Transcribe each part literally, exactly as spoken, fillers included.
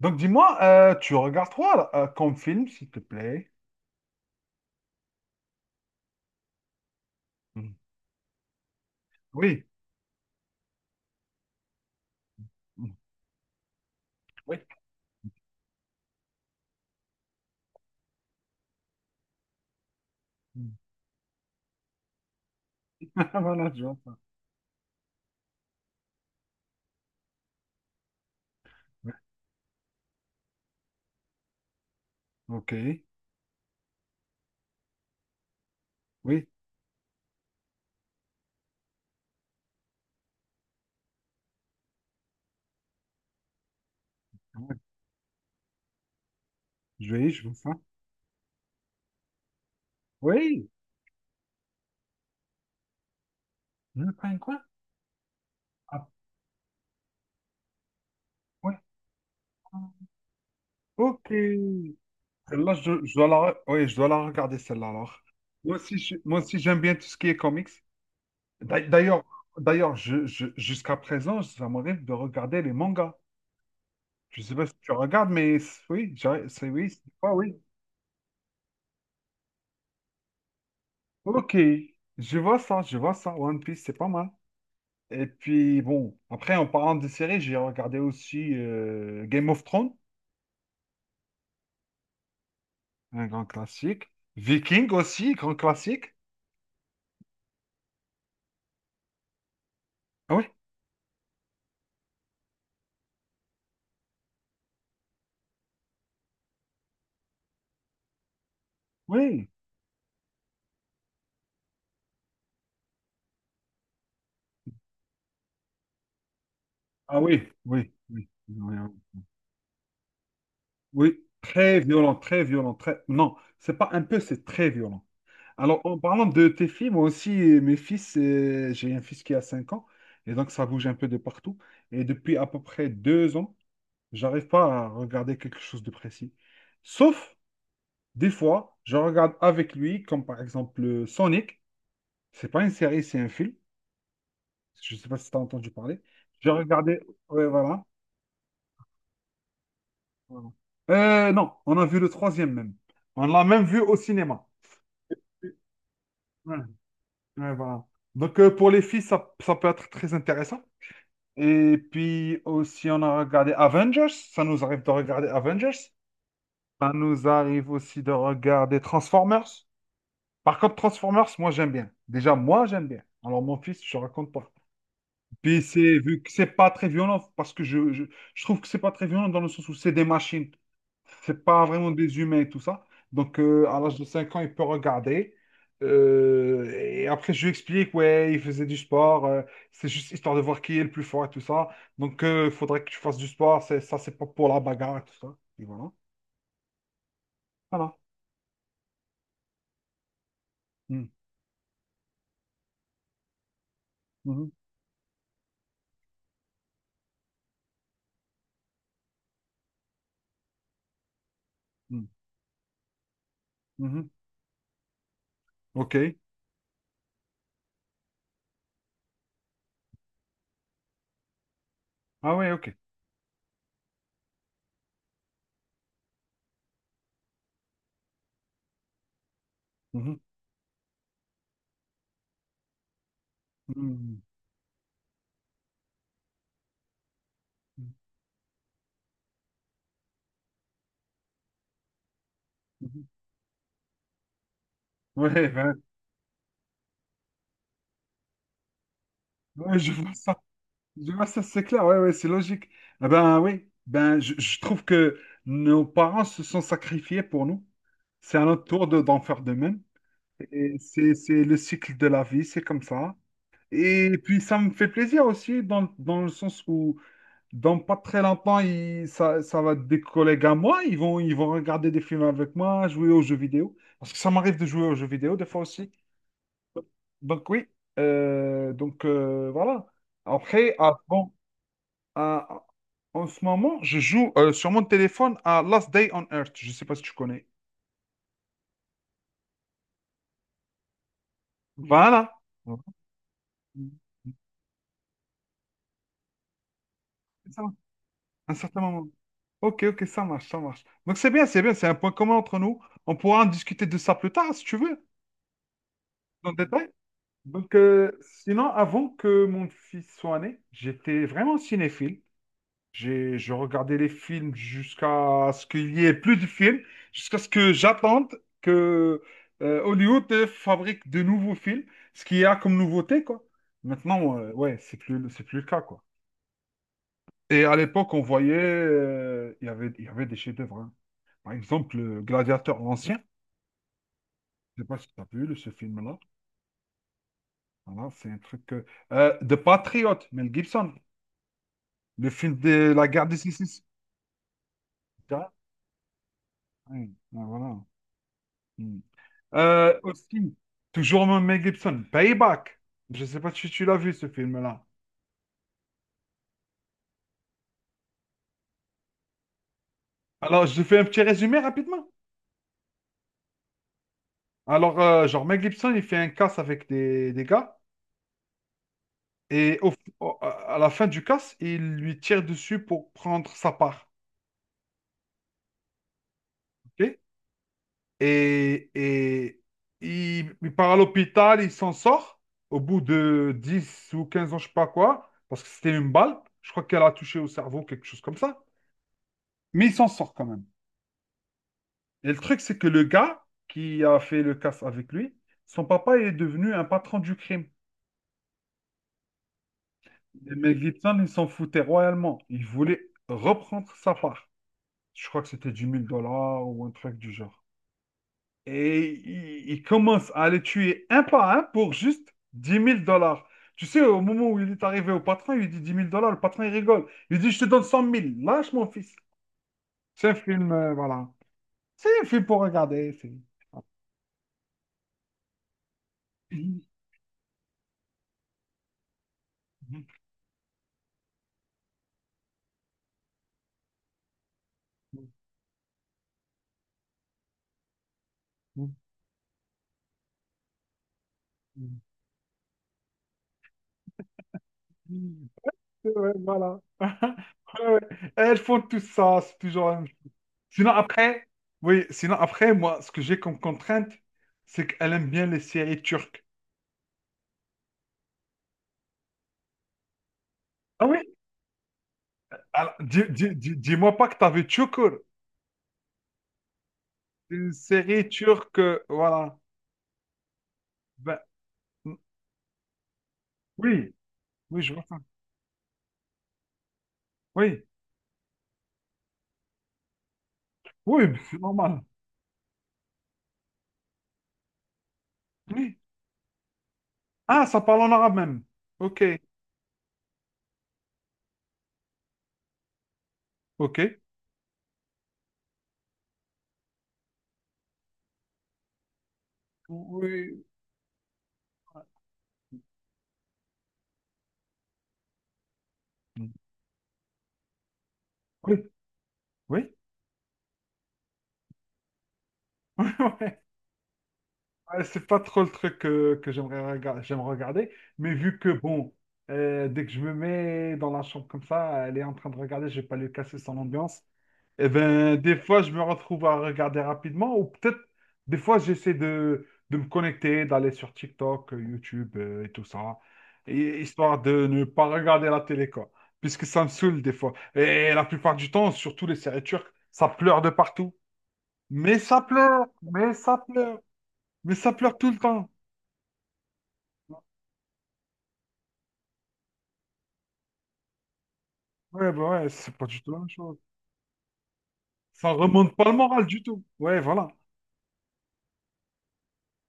Donc dis-moi, euh, tu regardes quoi là, euh, comme film, s'il te plaît? Mm. Oui. Mm. Oui. Mm. Voilà, je vois ça. Oui. Ok. Oui. Oui. Je vais, je vois ça. Oui. Le pain quoi? Ah, ouais. Ok. Celle-là, je, je dois la, re- oui, je dois la regarder, celle-là, alors. Moi aussi, je- moi aussi, j'aime bien tout ce qui est comics. D'a- D'ailleurs, d'ailleurs, je, je- jusqu'à présent, ça m'arrive de regarder les mangas. Je sais pas si tu regardes, mais c- oui, j'ai- c'est oui, c'est- ah, oui. Ok, je vois ça, je vois ça. One Piece, c'est pas mal. Et puis bon, après en parlant de séries, j'ai regardé aussi euh, Game of Thrones, un grand classique. Viking aussi, grand classique. Ah oui, oui. Ah oui, oui, oui. Oui, oui. Oui, très violent, très violent, très. Non, c'est pas un peu, c'est très violent. Alors en parlant de tes filles, moi aussi, euh, mes fils, euh, j'ai un fils qui a cinq ans, et donc ça bouge un peu de partout. Et depuis à peu près deux ans. J'arrive pas à regarder quelque chose de précis. Sauf, des fois, je regarde avec lui, comme par exemple euh, Sonic. C'est pas une série, c'est un film. Je sais pas si tu as entendu parler. J'ai regardé. Ouais, voilà. Voilà. Euh, non, on a vu le troisième même. On l'a même vu au cinéma. Ouais, ouais, voilà. Donc, euh, pour les filles, ça, ça peut être très intéressant. Et puis aussi, on a regardé Avengers. Ça nous arrive de regarder Avengers. Ça nous arrive aussi de regarder Transformers. Par contre, Transformers, moi, j'aime bien. Déjà, moi, j'aime bien. Alors, mon fils, je raconte pas. Puis, c'est, vu que c'est pas très violent, parce que je, je, je trouve que c'est pas très violent dans le sens où c'est des machines. C'est pas vraiment des humains et tout ça. Donc, euh, à l'âge de cinq ans, il peut regarder. Euh, et après, je lui explique, ouais, il faisait du sport. euh, c'est juste histoire de voir qui est le plus fort et tout ça. Donc, il faudrait que tu fasses du sport. C'est, ça, c'est pas pour la bagarre et tout ça. Et voilà. Voilà. Mm, mhm, mm, mhm. OK. Ah ouais, OK. Mhm, mhm. Mhm. Ouais, ben, ouais, je vois ça, je vois ça, c'est clair, ouais, ouais, c'est logique. Ah ben oui, ben je, je trouve que nos parents se sont sacrifiés pour nous. C'est à notre tour de, d'en faire de même. Et c'est, c'est le cycle de la vie, c'est comme ça. Et puis ça me fait plaisir aussi dans, dans le sens où dans pas très longtemps, il- ça, ça va être des collègues à moi, ils vont, ils vont regarder des films avec moi, jouer aux jeux vidéo. Parce que ça m'arrive de jouer aux jeux vidéo des fois aussi. Donc oui, euh, donc euh, voilà. Après, ah, bon, ah, en ce moment, je joue euh, sur mon téléphone à Last Day on Earth. Je ne sais pas si tu connais. Voilà. C'est ça, un certain moment. Ok, ok, ça marche, ça marche. Donc c'est bien, c'est bien, c'est un point commun entre nous. On pourra en discuter de ça plus tard, si tu veux, dans le détail. Donc euh, sinon, avant que mon fils soit né, j'étais vraiment cinéphile. J'ai, je regardais les films jusqu'à ce qu'il y ait plus de films, jusqu'à ce que j'attende que euh, Hollywood euh, fabrique de nouveaux films, ce qu'il y a comme nouveauté, quoi. Maintenant, euh, ouais, c'est plus, c'est plus le cas, quoi. Et à l'époque, on voyait, euh, il y avait, il y avait des chefs-d'œuvre, hein. Par exemple, le Gladiateur l'ancien. Je sais pas si tu as vu le- ce film-là. Voilà, c'est un truc euh, euh, de Patriote, Mel Gibson. Le film de la guerre des six. Voilà. Hmm. Euh, aussi, toujours Mel Gibson, Payback. Je ne sais pas si tu l'as vu ce film-là. Alors, je fais un petit résumé rapidement. Alors, euh, genre, Mel Gibson, il fait un casse avec des, des gars et au- au- à la fin du casse, il lui tire dessus pour prendre sa part. Ok. Et, et il, il part à l'hôpital, il s'en sort au bout de dix ou quinze ans, je sais pas quoi, parce que c'était une balle. Je crois qu'elle a touché au cerveau, quelque chose comme ça. Mais il s'en sort quand même. Et le truc, c'est que le gars qui a fait le casse avec lui, son papa est devenu un patron du crime. Et Mel Gibson, il s'en foutait royalement. Il voulait reprendre sa part. Je crois que c'était dix mille dollars ou un truc du genre. Et il, il commence à les tuer un par un pour juste dix mille dollars. Tu sais, au moment où il est arrivé au patron, il lui dit dix mille dollars. Le patron, il rigole. Il dit, je te donne cent mille. Lâche mon fils. C'est un film, euh, voilà. C'est un film pour regarder. c'est- Ouais, ouais, voilà. Ouais, ouais. Elles font tout ça, c'est toujours la même chose. Sinon après, oui, sinon après, moi, ce que j'ai comme contrainte, c'est qu'elle aime bien les séries turques. Ah oui? Alors, dis, dis- dis- dis-moi pas que t'as vu Çukur, une série turque, euh, voilà. Ben, m- oui, oui, je vois ça. Oui, oui, mais c'est normal. Oui. Ah, ça parle en arabe même. Ok, ok. Oui, oui, oui. Oui. Ouais, c'est pas trop le truc que, que j'aimerais rega- j'aime regarder, mais vu que bon, euh, dès que je me mets dans la chambre comme ça, elle est en train de regarder, je vais pas lui casser son ambiance. Et ben des fois je me retrouve à regarder rapidement, ou peut-être des fois j'essaie de, de me connecter, d'aller sur TikTok, euh, YouTube euh, et tout ça, et- histoire de ne pas regarder la télé quoi, puisque ça me saoule des fois. Et la plupart du temps, surtout les séries turques, ça pleure de partout. Mais ça pleure, mais ça pleure, mais ça pleure tout le temps. Ouais, bah ouais, c'est pas du tout la même chose. Ça remonte pas le moral du tout. Ouais, voilà.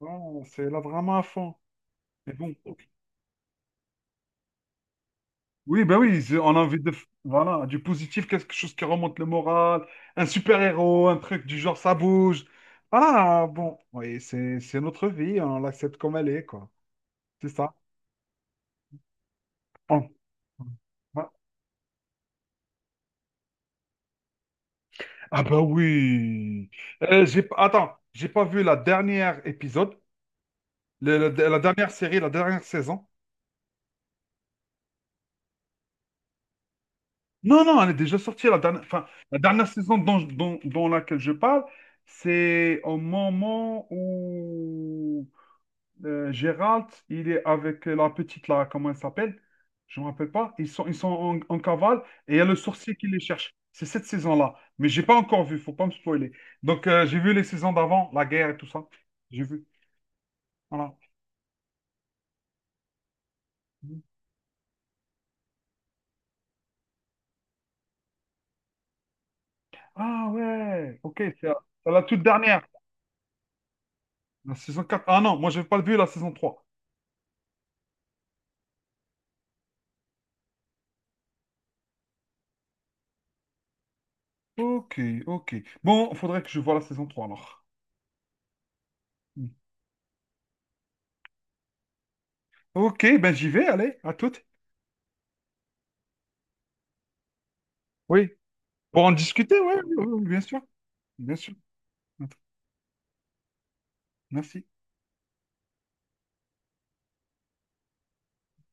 Voilà, c'est là vraiment à fond. Mais bon. Oui, bah oui, c'est- on a envie de. f- Voilà, du positif, quelque chose qui remonte le moral, un super-héros, un truc du genre ça bouge. Voilà, bon. Oui, c'est c'est notre vie, on l'accepte comme elle est, quoi. C'est ça. On- Ouais. Ah bah oui. Euh, j'ai... Attends, j'ai pas vu la dernière épisode, le- le- la dernière série, la dernière saison. Non, non, elle est déjà sortie. La dernière, enfin, la dernière saison dont, dont- dont laquelle je parle, c'est au moment où euh, Gérald, il est avec la petite, là, comment elle s'appelle? Je ne me rappelle pas. Ils sont, ils sont en, en cavale et il y a le sorcier qui les cherche. C'est cette saison-là. Mais j'ai pas encore vu, faut pas me spoiler. Donc, euh, j'ai vu les saisons d'avant, la guerre et tout ça. J'ai vu. Voilà. Ah ouais, ok, c'est la, c'est la toute dernière. La saison quatre. Ah non, moi, je n'ai pas vu la saison trois. Ok, ok. Bon, faudrait que je voie la saison trois alors. Hmm. Ok, ben j'y vais, allez, à toutes. Oui, pour en discuter, ouais, ouais, ouais, bien sûr, bien sûr. Merci.